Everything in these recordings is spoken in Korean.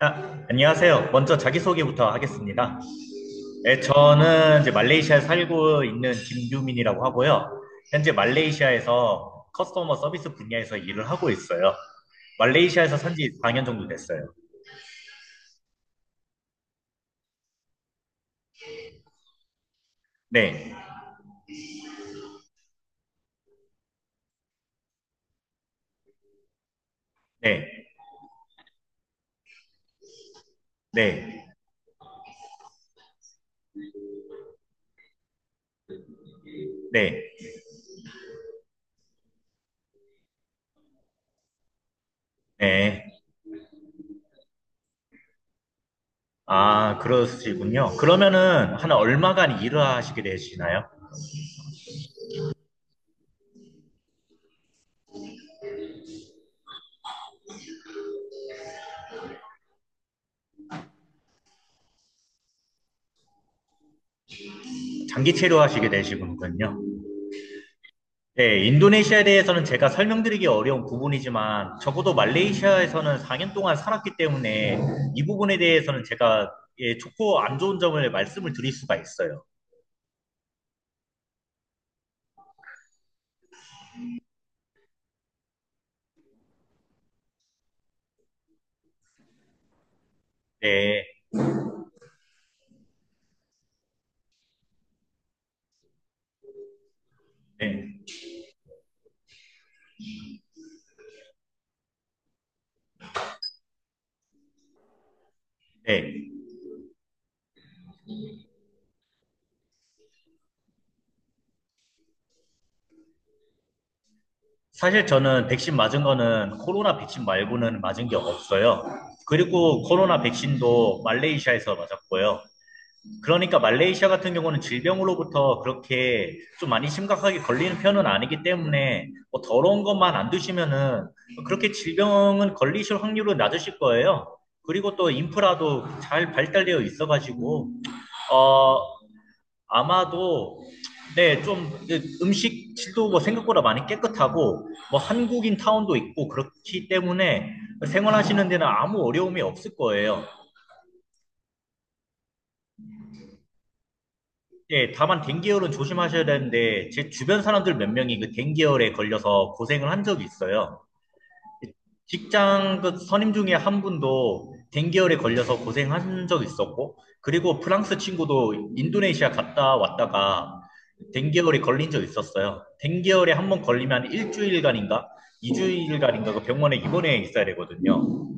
아, 안녕하세요. 먼저 자기소개부터 하겠습니다. 네, 저는 이제 말레이시아에 살고 있는 김규민이라고 하고요. 현재 말레이시아에서 커스터머 서비스 분야에서 일을 하고 있어요. 말레이시아에서 산지 4년 정도 됐어요. 네, 네, 네, 네, 네. 아, 그러시군요. 그러면은 한 얼마간 일을 하시게 되시나요? 장기 체류하시게 되시군요. 네, 인도네시아에 대해서는 제가 설명드리기 어려운 부분이지만 적어도 말레이시아에서는 4년 동안 살았기 때문에 이 부분에 대해서는 제가 예, 좋고 안 좋은 점을 말씀을 드릴 수가 있어요. 네, 네, 네. 사실 저는 백신 맞은 거는 코로나 백신 말고는 맞은 게 없어요. 그리고 코로나 백신도 말레이시아에서 맞았고요. 그러니까 말레이시아 같은 경우는 질병으로부터 그렇게 좀 많이 심각하게 걸리는 편은 아니기 때문에 뭐 더러운 것만 안 드시면은 그렇게 질병은 걸리실 확률은 낮으실 거예요. 그리고 또 인프라도 잘 발달되어 있어가지고 어 아마도 네, 좀 음식 질도 뭐 생각보다 많이 깨끗하고 뭐 한국인 타운도 있고 그렇기 때문에 생활하시는 데는 아무 어려움이 없을 거예요. 예, 다만 댕기열은 조심하셔야 되는데 제 주변 사람들 몇 명이 그 댕기열에 걸려서 고생을 한 적이 있어요. 직장 그 선임 중에 한 분도 댕기열에 걸려서 고생한 적 있었고 그리고 프랑스 친구도 인도네시아 갔다 왔다가 댕기열에 걸린 적 있었어요. 댕기열에 한 번 걸리면 일주일간인가 이주일간인가 그 병원에 입원해 있어야 되거든요.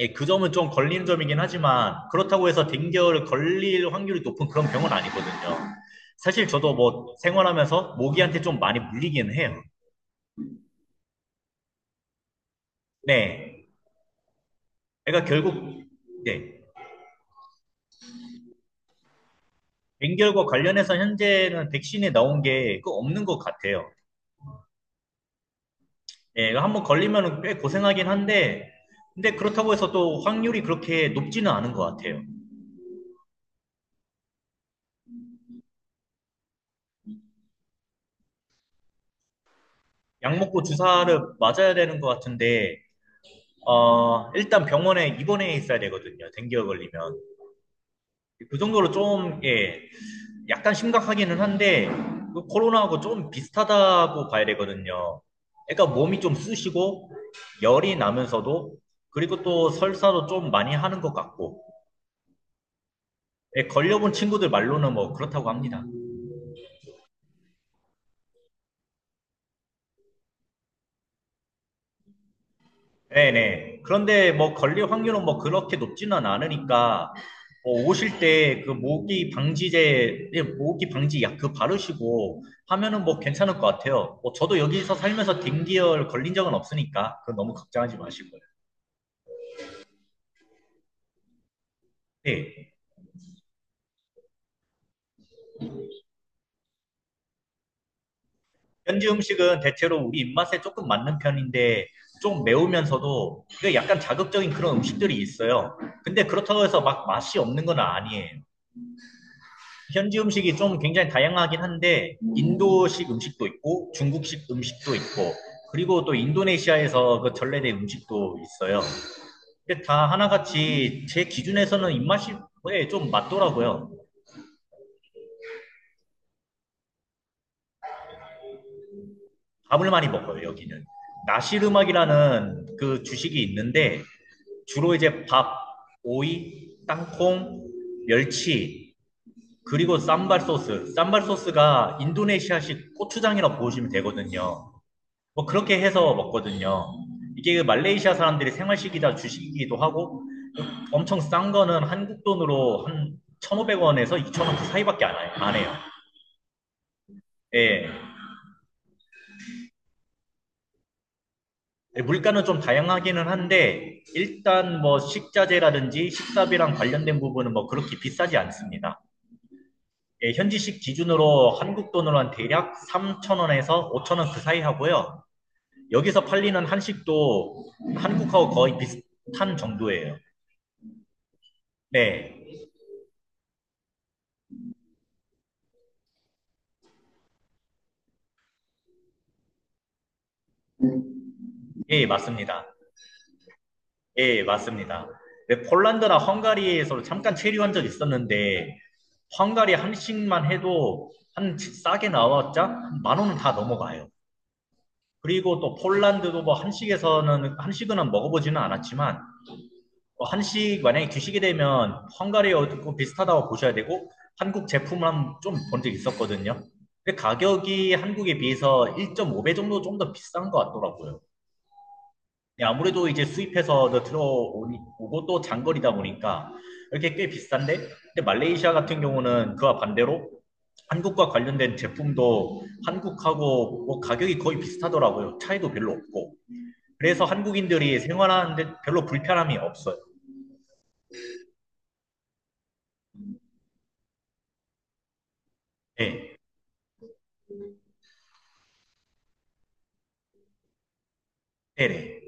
예, 그 점은 좀 걸리는 점이긴 하지만 그렇다고 해서 댕결 걸릴 확률이 높은 그런 병은 아니거든요. 사실 저도 뭐 생활하면서 모기한테 좀 많이 물리긴 해요. 네. 그러니까 결국 네. 댕결과 관련해서 현재는 백신이 나온 게 그 없는 것 같아요. 예, 한번 걸리면 꽤 고생하긴 한데 근데 그렇다고 해서 또 확률이 그렇게 높지는 않은 것 같아요. 약 먹고 주사를 맞아야 되는 것 같은데 일단 병원에 입원해 있어야 되거든요. 댕겨 걸리면. 그 정도로 좀, 예, 약간 심각하기는 한데, 그 코로나하고 좀 비슷하다고 봐야 되거든요. 그러니까 몸이 좀 쑤시고, 열이 나면서도, 그리고 또 설사도 좀 많이 하는 것 같고, 예, 걸려본 친구들 말로는 뭐 그렇다고 합니다. 네네. 그런데 뭐 걸릴 확률은 뭐 그렇게 높지는 않으니까 뭐 오실 때 그 모기 방지제, 예, 모기 방지 약 그 바르시고 하면은 뭐 괜찮을 것 같아요. 뭐 저도 여기서 살면서 댕기열 걸린 적은 없으니까 그 너무 걱정하지 마시고요. 네. 현지 음식은 대체로 우리 입맛에 조금 맞는 편인데 좀 매우면서도 그 약간 자극적인 그런 음식들이 있어요. 근데 그렇다고 해서 막 맛이 없는 건 아니에요. 현지 음식이 좀 굉장히 다양하긴 한데 인도식 음식도 있고 중국식 음식도 있고 그리고 또 인도네시아에서 그 전래된 음식도 있어요. 근데 다 하나같이 제 기준에서는 입맛이 예, 좀 맞더라고요. 밥을 많이 먹어요, 여기는. 나시르막이라는 그 주식이 있는데 주로 이제 밥, 오이, 땅콩, 멸치, 그리고 쌈발 소스. 쌈발 소스가 인도네시아식 고추장이라고 보시면 되거든요. 뭐 그렇게 해서 먹거든요. 이게 그 말레이시아 사람들이 생활식이다 주식이기도 하고 엄청 싼 거는 한국 돈으로 한 1,500원에서 2,000원 그 사이밖에 안 해요. 예. 예, 물가는 좀 다양하기는 한데 일단 뭐 식자재라든지 식사비랑 관련된 부분은 뭐 그렇게 비싸지 않습니다. 예, 현지식 기준으로 한국 돈으로 한 대략 3,000원에서 5,000원 그 사이 하고요. 여기서 팔리는 한식도 한국하고 거의 비슷한 정도예요. 네. 예, 맞습니다. 예, 맞습니다. 네, 폴란드나 헝가리에서 잠깐 체류한 적 있었는데, 헝가리 한식만 해도 싸게 나왔자 한만 원은 다 넘어가요. 그리고 또 폴란드도 뭐 한식에서는, 한식은 먹어보지는 않았지만, 뭐 한식 만약에 드시게 되면 헝가리하고 비슷하다고 보셔야 되고, 한국 제품만 좀 본 적 있었거든요. 근데 가격이 한국에 비해서 1.5배 정도 좀 더 비싼 것 같더라고요. 네, 아무래도 이제 수입해서 들어오고 또 장거리다 보니까 이렇게 꽤 비싼데, 근데 말레이시아 같은 경우는 그와 반대로 한국과 관련된 제품도 한국하고 뭐 가격이 거의 비슷하더라고요. 차이도 별로 없고. 그래서 한국인들이 생활하는데 별로 불편함이 없어요. 네, 네네,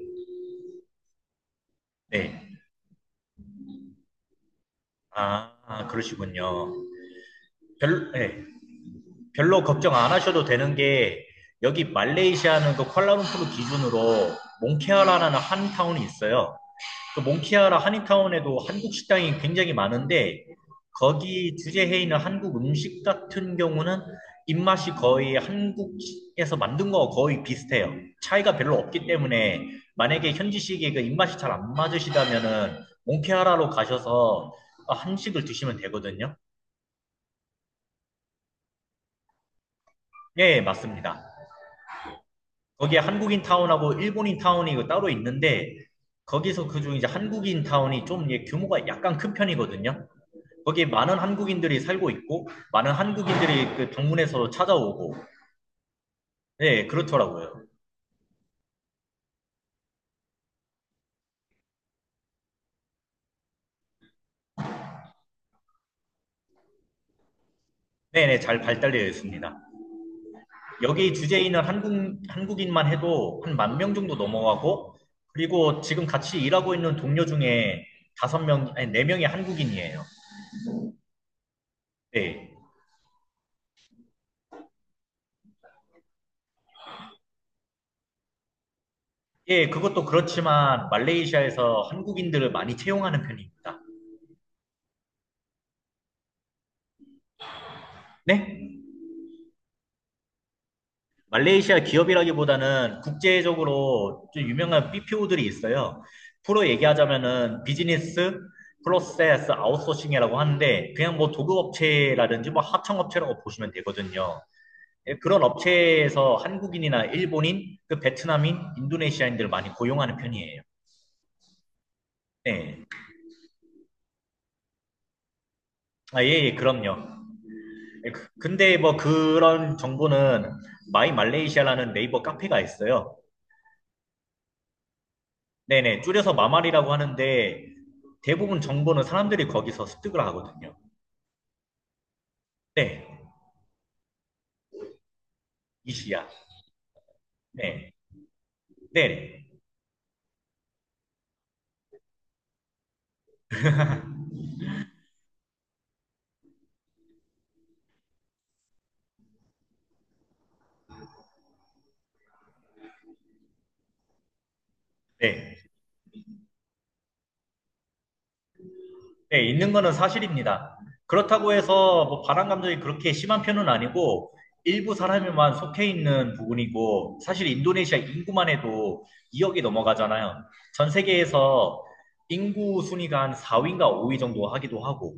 네. 네. 아, 아, 그러시군요. 별, 네. 별로 걱정 안 하셔도 되는 게 여기 말레이시아는 그 쿠알라룸푸르 기준으로 몽케라라는 한 타운이 있어요. 그 몽키아라 한인타운에도 한국 식당이 굉장히 많은데 거기 주제해 있는 한국 음식 같은 경우는 입맛이 거의 한국에서 만든 거 거의 비슷해요. 차이가 별로 없기 때문에 만약에 현지식의 그 입맛이 잘 안 맞으시다면은 몽키아라로 가셔서 한식을 드시면 되거든요. 네 맞습니다. 거기에 한국인 타운하고 일본인 타운이 그 따로 있는데 거기서 그중 이제 한국인 타운이 좀 예, 규모가 약간 큰 편이거든요. 거기 많은 한국인들이 살고 있고 많은 한국인들이 그 방문해서 찾아오고 네 그렇더라고요. 네네 잘 발달되어 있습니다. 여기 주재에 있는 한국인만 해도 한 10,000명 정도 넘어가고 그리고 지금 같이 일하고 있는 동료 중에 다섯 명 아니 네 명이 한국인이에요. 네. 예, 그것도 그렇지만 말레이시아에서 한국인들을 많이 채용하는 편입니다. 네? 말레이시아 기업이라기보다는 국제적으로 좀 유명한 BPO들이 있어요. 프로 얘기하자면은 비즈니스 프로세스 아웃소싱이라고 하는데 그냥 뭐 도급업체라든지 뭐 하청업체라고 보시면 되거든요. 예, 그런 업체에서 한국인이나 일본인, 그 베트남인, 인도네시아인들 많이 고용하는 편이에요. 네. 아, 예, 예, 그럼요. 예, 근데 뭐 그런 정보는 마이 말레이시아라는 네이버 카페가 있어요. 네네, 줄여서 마말이라고 하는데 대부분 정보는 사람들이 거기서 습득을 하거든요. 네, 이시야. 네, 네, 네, 네, 있는 거는 사실입니다. 그렇다고 해서 뭐 바람 감정이 그렇게 심한 편은 아니고 일부 사람에만 속해 있는 부분이고 사실 인도네시아 인구만 해도 2억이 넘어가잖아요. 전 세계에서 인구 순위가 한 4위인가 5위 정도 하기도 하고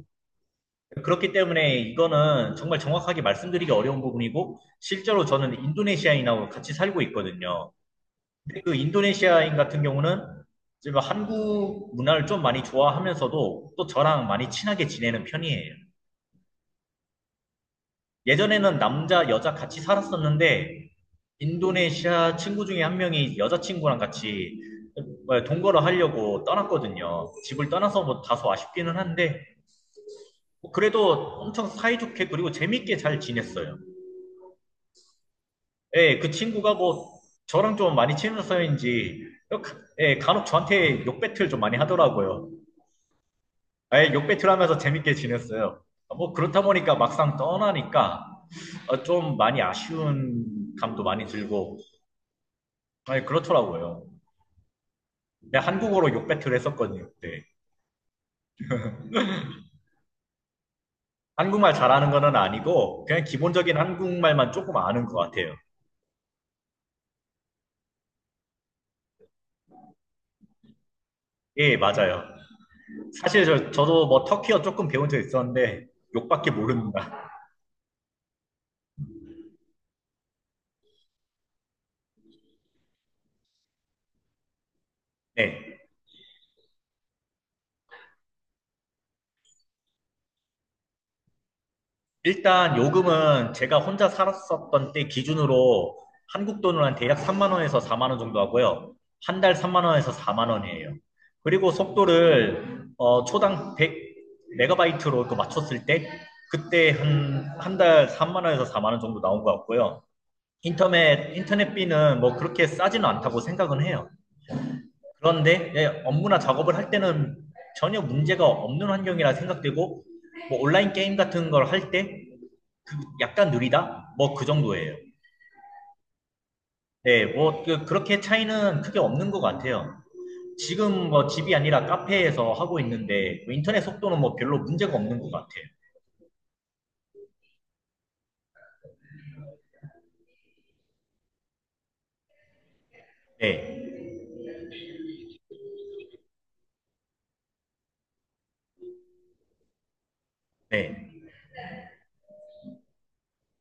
그렇기 때문에 이거는 정말 정확하게 말씀드리기 어려운 부분이고, 실제로 저는 인도네시아인하고 같이 살고 있거든요. 근데 그 인도네시아인 같은 경우는 지금 한국 문화를 좀 많이 좋아하면서도 또 저랑 많이 친하게 지내는 편이에요. 예전에는 남자, 여자 같이 살았었는데, 인도네시아 친구 중에 한 명이 여자친구랑 같이 동거를 하려고 떠났거든요. 집을 떠나서 뭐 다소 아쉽기는 한데, 뭐 그래도 엄청 사이좋게 그리고 재밌게 잘 지냈어요. 예, 그 친구가 뭐 저랑 좀 많이 친해서인지 예, 간혹 저한테 욕배틀 좀 많이 하더라고요. 아예 욕배틀 하면서 재밌게 지냈어요. 뭐 그렇다 보니까 막상 떠나니까 좀 많이 아쉬운 감도 많이 들고 아 그렇더라고요. 내가 한국어로 욕배틀 했었거든요. 그때. 한국말 잘하는 거는 아니고 그냥 기본적인 한국말만 조금 아는 것 같아요. 예, 맞아요. 사실 저도 뭐 터키어 조금 배운 적 있었는데 욕밖에 모릅니다. 네. 일단 요금은 제가 혼자 살았었던 때 기준으로 한국 돈으로 한 대략 3만 원에서 4만 원 정도 하고요. 한 달 3만 원에서 4만 원이에요. 그리고 속도를 초당 100 메가바이트로 또 맞췄을 때 그때 한 달 3만 원에서 4만 원 정도 나온 것 같고요. 인터넷비는 뭐 그렇게 싸지는 않다고 생각은 해요. 그런데 예, 업무나 작업을 할 때는 전혀 문제가 없는 환경이라 생각되고 뭐 온라인 게임 같은 걸할때 약간 느리다? 뭐 그 정도예요. 네, 뭐 그렇게 차이는 크게 없는 것 같아요. 지금 뭐 집이 아니라 카페에서 하고 있는데 뭐 인터넷 속도는 뭐 별로 문제가 없는 것 같아요. 네, 네,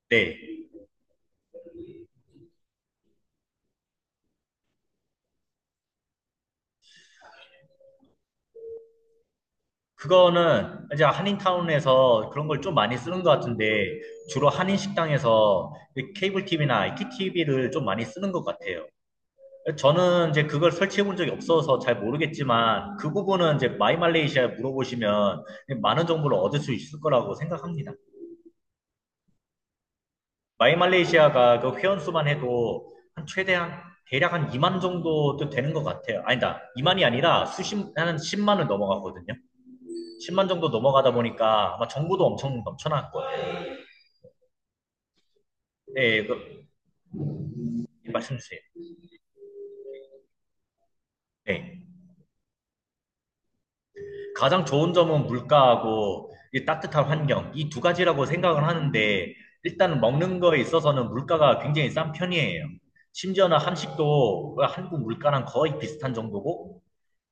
네. 그거는 이제 한인타운에서 그런 걸 좀 많이 쓰는 것 같은데 주로 한인 식당에서 케이블 TV나 IPTV를 좀 많이 쓰는 것 같아요. 저는 이제 그걸 설치해 본 적이 없어서 잘 모르겠지만 그 부분은 이제 마이말레이시아에 물어보시면 많은 정보를 얻을 수 있을 거라고 생각합니다. 마이말레이시아가 그 회원 수만 해도 한 최대한 대략 한 2만 정도도 되는 것 같아요. 아니다. 2만이 아니라 수십, 한 10만을 넘어가거든요. 10만 정도 넘어가다 보니까 아마 정보도 엄청 넘쳐날 거예요. 네, 말씀 주세요. 네. 가장 좋은 점은 물가하고 이 따뜻한 환경, 이 두 가지라고 생각을 하는데, 일단 먹는 거에 있어서는 물가가 굉장히 싼 편이에요. 심지어는 한식도 한국 물가랑 거의 비슷한 정도고,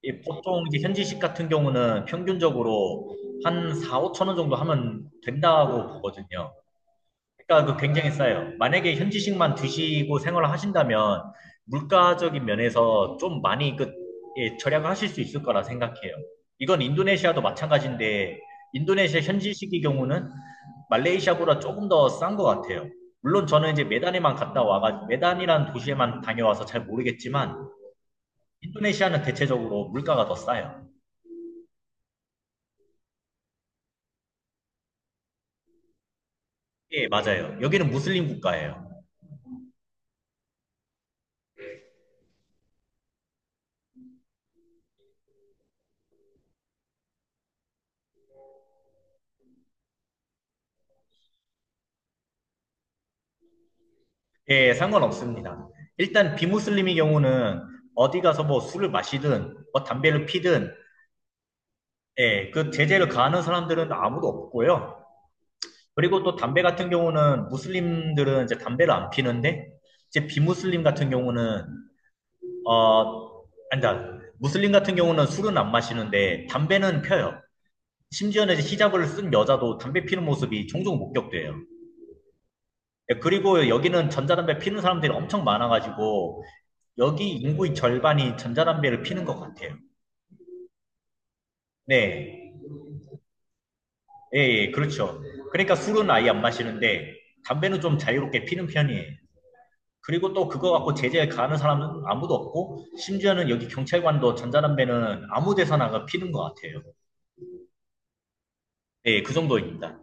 이 보통 이제 현지식 같은 경우는 평균적으로 한 4, 5천 원 정도 하면 된다고 보거든요. 그러니까 그 굉장히 싸요. 만약에 현지식만 드시고 생활을 하신다면 물가적인 면에서 좀 많이 그 예, 절약을 하실 수 있을 거라 생각해요. 이건 인도네시아도 마찬가지인데 인도네시아 현지식의 경우는 말레이시아보다 조금 더 싼 것 같아요. 물론 저는 이제 메단에만 갔다 와가 메단이라는 도시에만 다녀와서 잘 모르겠지만 인도네시아는 대체적으로 물가가 더 싸요. 예, 맞아요. 여기는 무슬림 국가예요. 예, 상관없습니다. 일단 비무슬림의 경우는 어디 가서 뭐 술을 마시든 뭐 담배를 피든 예, 그 제재를 가하는 사람들은 아무도 없고요. 그리고 또 담배 같은 경우는 무슬림들은 이제 담배를 안 피는데 이제 비무슬림 같은 경우는 어 아니다. 무슬림 같은 경우는 술은 안 마시는데 담배는 펴요. 심지어는 이제 히잡을 쓴 여자도 담배 피는 모습이 종종 목격돼요. 예, 그리고 여기는 전자담배 피는 사람들이 엄청 많아가지고 여기 인구의 절반이 전자담배를 피는 것 같아요. 네. 예, 예, 그렇죠. 그러니까 술은 아예 안 마시는데 담배는 좀 자유롭게 피는 편이에요. 그리고 또 그거 갖고 제재 가하는 사람은 아무도 없고 심지어는 여기 경찰관도 전자담배는 아무 데서나 그 피는 것 같아요. 네, 그 정도입니다.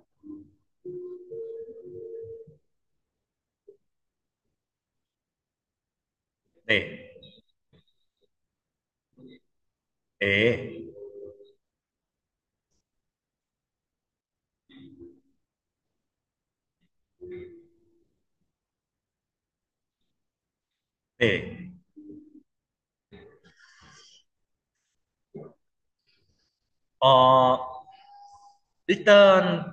네. 네. 네. 어, 일단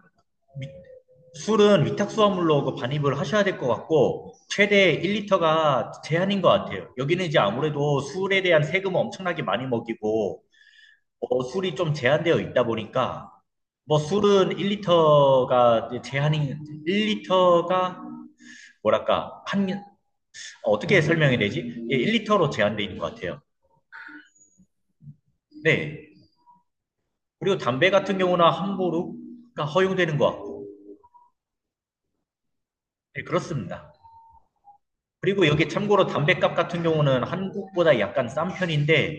술은 위탁수화물로 그 반입을 하셔야 될 것 같고, 최대 1리터가 제한인 것 같아요. 여기는 이제 아무래도 술에 대한 세금을 엄청나게 많이 먹이고, 술이 좀 제한되어 있다 보니까, 뭐 술은 1리터가 제한인, 1리터가 뭐랄까, 한, 어떻게 설명해야 되지? 예, 1리터로 제한되어 있는 것 같아요. 네. 그리고 담배 같은 경우나 함부로가 허용되는 것 같고, 네, 그렇습니다. 그리고 여기 참고로 담배값 같은 경우는 한국보다 약간 싼 편인데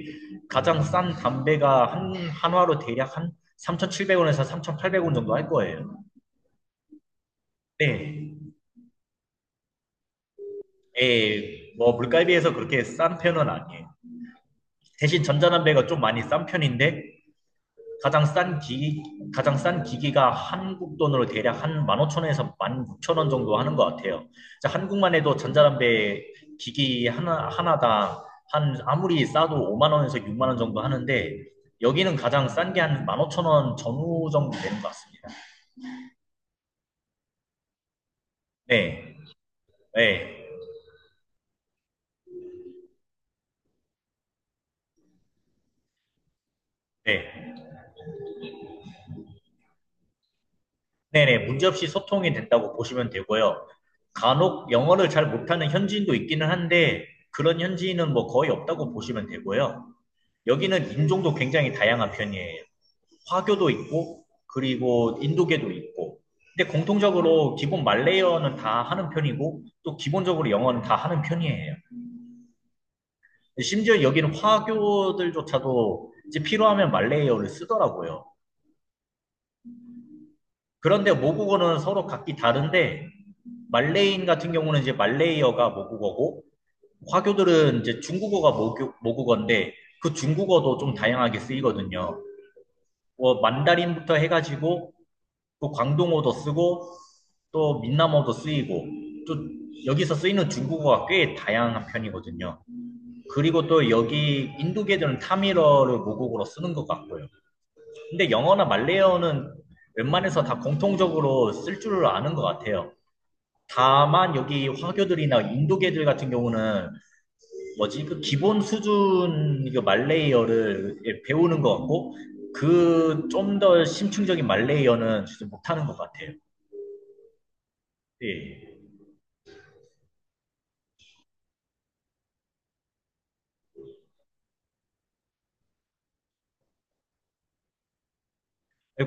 가장 싼 담배가 한 한화로 대략 한 3,700원에서 3,800원 정도 할 거예요. 네. 예, 뭐 물가에 비해서 그렇게 싼 편은 아니에요. 대신 전자담배가 좀 많이 싼 편인데 가장 싼 기기, 가장 싼 기기가 한국 돈으로 대략 한 15,000원에서 16,000원 정도 하는 것 같아요. 자, 한국만 해도 전자담배 기기 하나당 한 아무리 싸도 5만 원에서 6만 원 정도 하는데 여기는 가장 싼 게 한 15,000원 전후 정도 되는 것 같습니다. 네, 네, 네, 네네 문제없이 소통이 된다고 보시면 되고요. 간혹 영어를 잘 못하는 현지인도 있기는 한데 그런 현지인은 뭐 거의 없다고 보시면 되고요. 여기는 인종도 굉장히 다양한 편이에요. 화교도 있고, 그리고 인도계도 있고. 근데 공통적으로 기본 말레이어는 다 하는 편이고, 또 기본적으로 영어는 다 하는 편이에요. 심지어 여기는 화교들조차도 이제 필요하면 말레이어를 쓰더라고요. 그런데 모국어는 서로 각기 다른데, 말레이인 같은 경우는 이제 말레이어가 모국어고, 화교들은 이제 중국어가 모국어인데, 그 중국어도 좀 다양하게 쓰이거든요. 뭐, 만다린부터 해가지고, 또 광동어도 쓰고 또 민남어도 쓰이고 또 여기서 쓰이는 중국어가 꽤 다양한 편이거든요. 그리고 또 여기 인도계들은 타밀어를 모국어로 쓰는 것 같고요. 근데 영어나 말레어는 이 웬만해서 다 공통적으로 쓸 줄 아는 것 같아요. 다만 여기 화교들이나 인도계들 같은 경우는 뭐지 그 기본 수준 그 말레이어를 예, 배우는 것 같고 그 좀 더 심층적인 말레이어는 진짜 못하는 것 같아요. 예.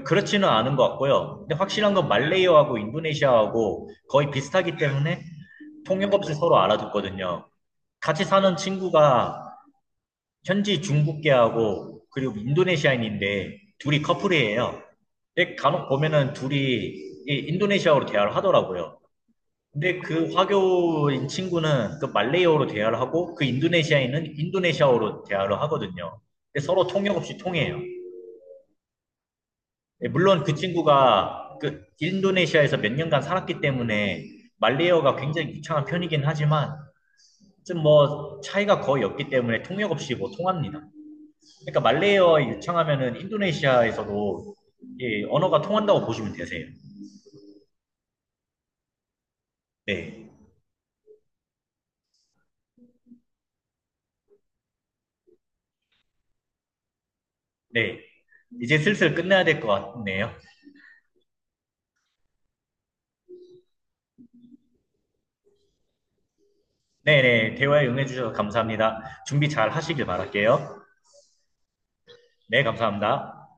그렇지는 않은 것 같고요. 근데 확실한 건 말레이어하고 인도네시아하고 거의 비슷하기 때문에 통역 없이 서로 알아듣거든요. 같이 사는 친구가 현지 중국계하고 그리고 인도네시아인인데 둘이 커플이에요. 근데 간혹 보면은 둘이 인도네시아어로 대화를 하더라고요. 근데 그 화교인 친구는 그 말레이어로 대화를 하고 그 인도네시아인은 인도네시아어로 대화를 하거든요. 근데 서로 통역 없이 통해요. 예, 물론 그 친구가 그 인도네시아에서 몇 년간 살았기 때문에 말레이어가 굉장히 유창한 편이긴 하지만 좀 뭐 차이가 거의 없기 때문에 통역 없이 뭐 통합니다. 그러니까 말레이어 유창하면은 인도네시아에서도 예, 언어가 통한다고 보시면 되세요. 네. 네. 이제 슬슬 끝내야 될 것 같네요. 네네. 대화에 응해주셔서 감사합니다. 준비 잘 하시길 바랄게요. 네, 감사합니다.